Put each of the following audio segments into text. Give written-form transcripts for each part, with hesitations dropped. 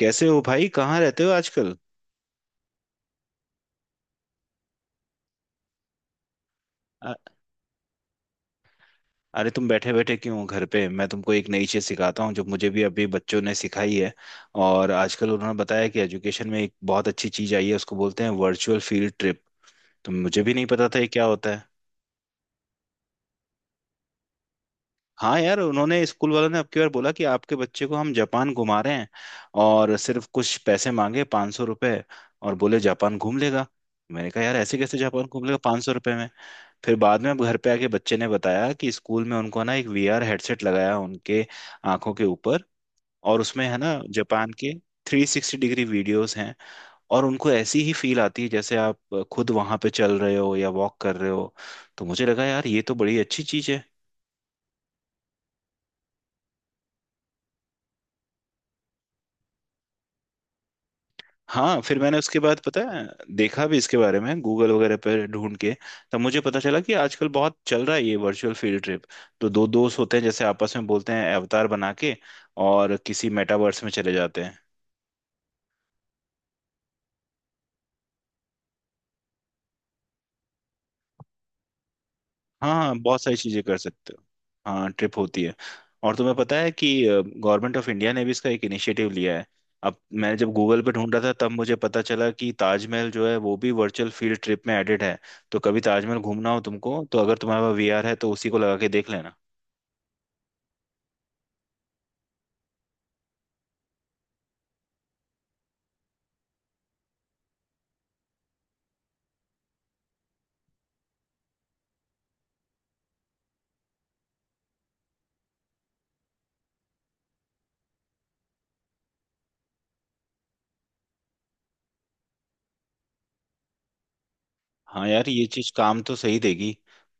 कैसे हो भाई? कहाँ रहते हो आजकल? अ- अरे तुम बैठे बैठे क्यों हो घर पे? मैं तुमको एक नई चीज सिखाता हूँ जो मुझे भी अभी बच्चों ने सिखाई है। और आजकल उन्होंने बताया कि एजुकेशन में एक बहुत अच्छी चीज आई है, उसको बोलते हैं वर्चुअल फील्ड ट्रिप। तो मुझे भी नहीं पता था ये क्या होता है। हाँ यार, उन्होंने स्कूल वालों ने अब की बार बोला कि आपके बच्चे को हम जापान घुमा रहे हैं। और सिर्फ कुछ पैसे मांगे, ₹500। और बोले जापान घूम लेगा। मैंने कहा यार, ऐसे कैसे जापान घूम लेगा ₹500 में? फिर बाद में अब घर पे आके बच्चे ने बताया कि स्कूल में उनको ना एक VR हेडसेट लगाया उनके आंखों के ऊपर। और उसमें है ना, जापान के 360 डिग्री वीडियोस हैं। और उनको ऐसी ही फील आती है जैसे आप खुद वहां पे चल रहे हो या वॉक कर रहे हो। तो मुझे लगा यार, ये तो बड़ी अच्छी चीज है। हाँ, फिर मैंने उसके बाद, पता है, देखा भी इसके बारे में गूगल वगैरह पर ढूंढ के। तब मुझे पता चला कि आजकल बहुत चल रहा है ये वर्चुअल फील्ड ट्रिप। तो दो दोस्त होते हैं, जैसे आपस में बोलते हैं अवतार बना के और किसी मेटावर्स में चले जाते हैं। हाँ हाँ, बहुत सारी चीजें कर सकते हो। हाँ, ट्रिप होती है। और तुम्हें पता है कि गवर्नमेंट ऑफ इंडिया ने भी इसका एक इनिशिएटिव लिया है। अब मैं जब गूगल पे ढूंढ रहा था तब मुझे पता चला कि ताजमहल जो है वो भी वर्चुअल फील्ड ट्रिप में एडेड है। तो कभी ताजमहल घूमना हो तुमको, तो अगर तुम्हारे पास VR है तो उसी को लगा के देख लेना। हाँ यार, ये चीज काम तो सही देगी।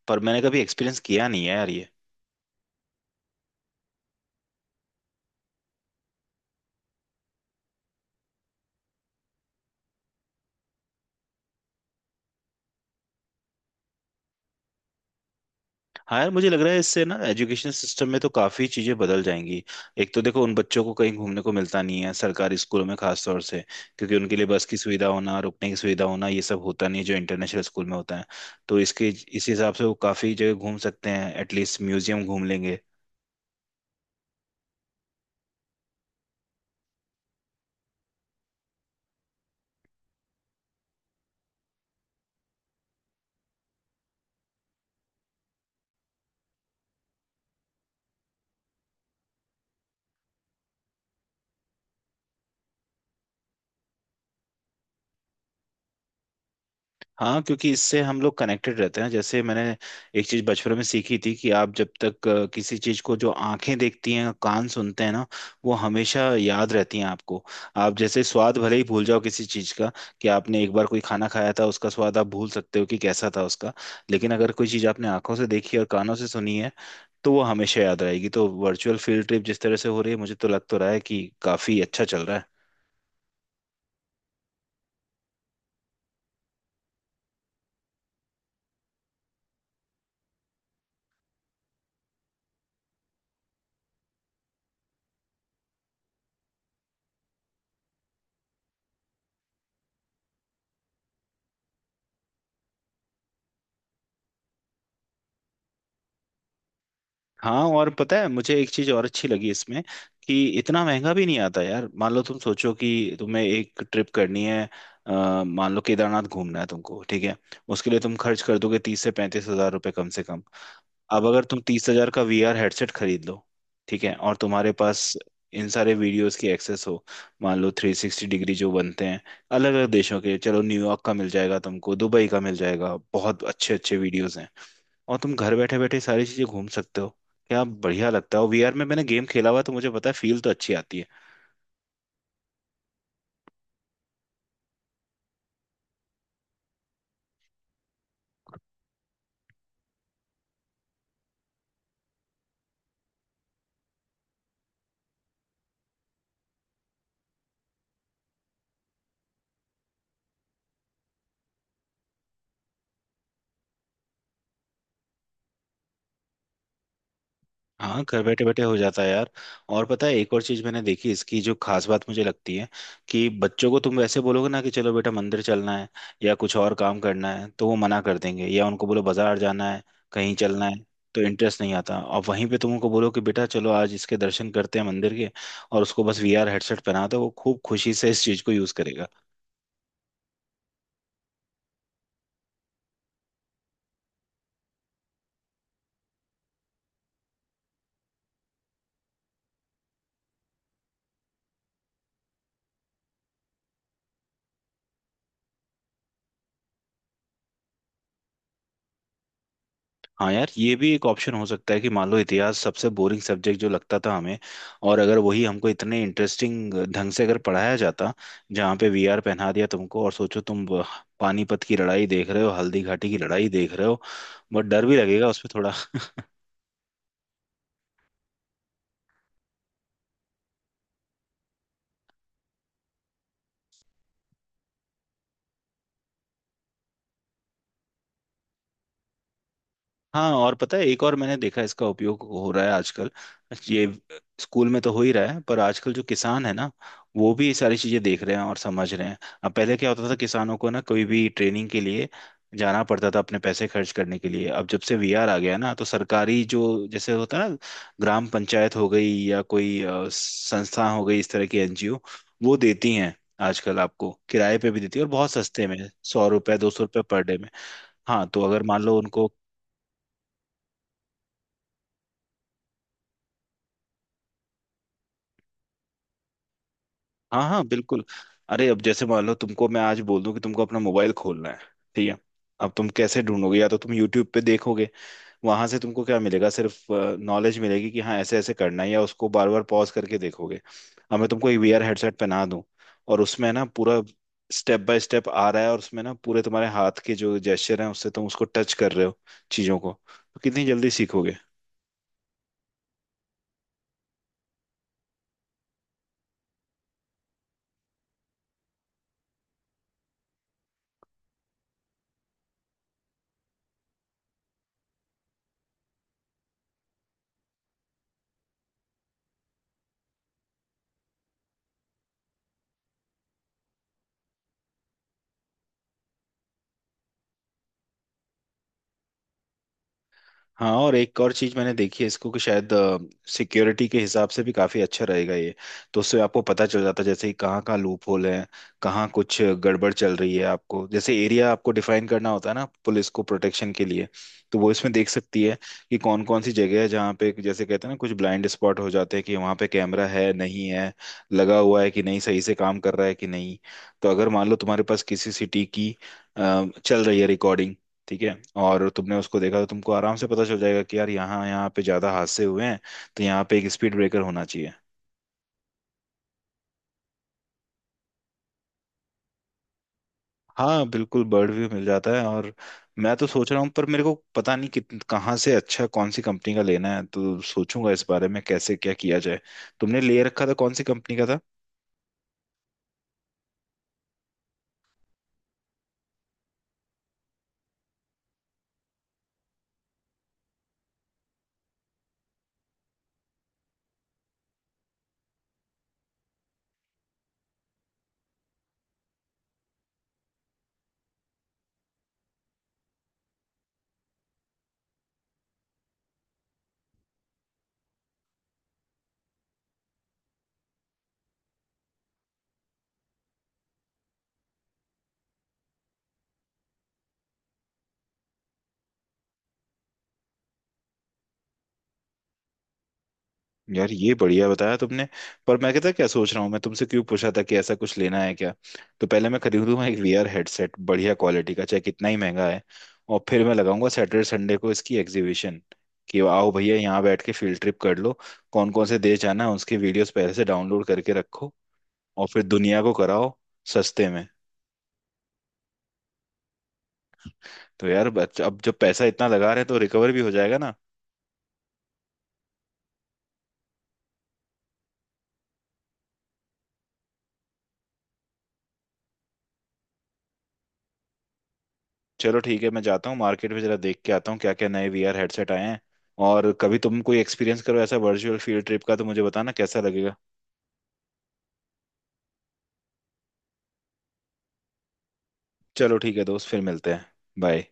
पर मैंने कभी एक्सपीरियंस किया नहीं है यार ये। हाँ यार, मुझे लग रहा है इससे ना एजुकेशन सिस्टम में तो काफ़ी चीज़ें बदल जाएंगी। एक तो देखो, उन बच्चों को कहीं घूमने को मिलता नहीं है सरकारी स्कूलों में खास तौर से। क्योंकि उनके लिए बस की सुविधा होना, रुकने की सुविधा होना, ये सब होता नहीं है जो इंटरनेशनल स्कूल में होता है। तो इसके इस हिसाब से वो काफ़ी जगह घूम सकते हैं, एटलीस्ट म्यूजियम घूम लेंगे। हाँ, क्योंकि इससे हम लोग कनेक्टेड रहते हैं। जैसे मैंने एक चीज बचपन में सीखी थी कि आप जब तक किसी चीज को जो आंखें देखती हैं, कान सुनते हैं ना, वो हमेशा याद रहती हैं आपको। आप जैसे स्वाद भले ही भूल जाओ किसी चीज का, कि आपने एक बार कोई खाना खाया था, उसका स्वाद आप भूल सकते हो कि कैसा था उसका। लेकिन अगर कोई चीज आपने आंखों से देखी और कानों से सुनी है, तो वो हमेशा याद रहेगी। तो वर्चुअल फील्ड ट्रिप जिस तरह से हो रही है, मुझे तो लग तो रहा है कि काफी अच्छा चल रहा है। हाँ, और पता है मुझे एक चीज और अच्छी लगी इसमें, कि इतना महंगा भी नहीं आता यार। मान लो तुम सोचो कि तुम्हें एक ट्रिप करनी है। मान लो केदारनाथ घूमना है तुमको, ठीक है? उसके लिए तुम खर्च कर दोगे 30 से 35 हज़ार रुपये कम से कम। अब अगर तुम 30 हज़ार का VR हेडसेट खरीद लो, ठीक है, और तुम्हारे पास इन सारे वीडियोस की एक्सेस हो। मान लो 360 डिग्री जो बनते हैं अलग अलग देशों के, चलो न्यूयॉर्क का मिल जाएगा तुमको, दुबई का मिल जाएगा, बहुत अच्छे अच्छे वीडियोस हैं। और तुम घर बैठे बैठे सारी चीजें घूम सकते हो। क्या बढ़िया लगता है। और VR में मैंने गेम खेला हुआ है, तो मुझे पता है फील तो अच्छी आती है। हाँ, घर बैठे बैठे हो जाता है यार। और पता है, एक और चीज मैंने देखी इसकी जो खास बात मुझे लगती है, कि बच्चों को तुम वैसे बोलोगे ना कि चलो बेटा मंदिर चलना है या कुछ और काम करना है, तो वो मना कर देंगे। या उनको बोलो बाजार जाना है, कहीं चलना है, तो इंटरेस्ट नहीं आता। और वहीं पे तुम उनको बोलो कि बेटा चलो आज इसके दर्शन करते हैं मंदिर के, और उसको बस वीआर हेडसेट पहना दो, वो खूब खुशी से इस चीज को यूज करेगा। हाँ यार, ये भी एक ऑप्शन हो सकता है कि मान लो इतिहास सबसे बोरिंग सब्जेक्ट जो लगता था हमें, और अगर वही हमको इतने इंटरेस्टिंग ढंग से अगर पढ़ाया जाता, जहाँ पे VR पहना दिया तुमको और सोचो तुम पानीपत की लड़ाई देख रहे हो, हल्दी घाटी की लड़ाई देख रहे हो। बहुत डर भी लगेगा उसमें थोड़ा। हाँ, और पता है, एक और मैंने देखा इसका उपयोग हो रहा है आजकल। ये स्कूल में तो हो ही रहा है, पर आजकल जो किसान है ना, वो भी ये सारी चीजें देख रहे हैं और समझ रहे हैं। अब पहले क्या होता था, किसानों को ना कोई भी ट्रेनिंग के लिए जाना पड़ता था अपने पैसे खर्च करने के लिए। अब जब से VR आ गया ना, तो सरकारी जो जैसे होता है ना, ग्राम पंचायत हो गई, या कोई संस्था हो गई इस तरह की, NGO, वो देती हैं। आजकल आपको किराए पे भी देती है और बहुत सस्ते में, 100 रुपए 200 रुपये पर डे में। हाँ, तो अगर मान लो उनको। हाँ हाँ, बिल्कुल। अरे अब जैसे मान लो तुमको मैं आज बोल दूं कि तुमको अपना मोबाइल खोलना है, ठीक है। अब तुम कैसे ढूंढोगे? या तो तुम यूट्यूब पे देखोगे। वहां से तुमको क्या मिलेगा? सिर्फ नॉलेज मिलेगी कि हाँ ऐसे ऐसे करना है, या उसको बार बार पॉज करके देखोगे। अब मैं तुमको एक VR हेडसेट पहना दूं, और उसमें ना पूरा स्टेप बाय स्टेप आ रहा है, और उसमें ना पूरे तुम्हारे हाथ के जो जेस्चर हैं, उससे तुम उसको टच कर रहे हो चीजों को, तो कितनी जल्दी सीखोगे। हाँ, और एक और चीज मैंने देखी है इसको, कि शायद सिक्योरिटी के हिसाब से भी काफी अच्छा रहेगा ये। तो उससे आपको पता चल जाता है, जैसे कि कहाँ कहाँ लूप होल है, कहाँ कुछ गड़बड़ चल रही है आपको। जैसे एरिया आपको डिफाइन करना होता है ना पुलिस को प्रोटेक्शन के लिए, तो वो इसमें देख सकती है कि कौन कौन सी जगह है जहाँ पे, जैसे कहते हैं ना, कुछ ब्लाइंड स्पॉट हो जाते हैं, कि वहाँ पे कैमरा है नहीं है, लगा हुआ है कि नहीं, सही से काम कर रहा है कि नहीं। तो अगर मान लो तुम्हारे पास किसी सिटी की चल रही है रिकॉर्डिंग, ठीक है, और तुमने उसको देखा, तो तुमको आराम से पता चल जाएगा कि यार यहाँ यहाँ पे ज्यादा हादसे हुए हैं, तो यहाँ पे एक स्पीड ब्रेकर होना चाहिए। हाँ बिल्कुल, बर्ड व्यू मिल जाता है। और मैं तो सोच रहा हूँ, पर मेरे को पता नहीं कि कहाँ से अच्छा, कौन सी कंपनी का लेना है, तो सोचूंगा इस बारे में कैसे क्या किया जाए। तुमने ले रखा था, कौन सी कंपनी का था? यार, ये बढ़िया बताया तुमने। पर मैं कहता क्या सोच रहा हूँ, मैं तुमसे क्यों पूछा था कि ऐसा कुछ लेना है क्या। तो पहले मैं खरीदूंगा एक VR हेडसेट बढ़िया क्वालिटी का, चाहे कितना ही महंगा है। और फिर मैं लगाऊंगा सैटरडे संडे को इसकी एग्जीबिशन, कि आओ भैया यहाँ बैठ के फील्ड ट्रिप कर लो। कौन कौन से देश जाना है, उसके वीडियोस पहले से डाउनलोड करके रखो, और फिर दुनिया को कराओ सस्ते में। तो यार अब जब पैसा इतना लगा रहे हैं तो रिकवर भी हो जाएगा ना। चलो ठीक है, मैं जाता हूँ मार्केट में जरा देख के आता हूँ क्या क्या नए VR हेडसेट आए हैं। और कभी तुम कोई एक्सपीरियंस करो ऐसा वर्चुअल फील्ड ट्रिप का, तो मुझे बताना कैसा लगेगा। चलो ठीक है दोस्त, फिर मिलते हैं। बाय।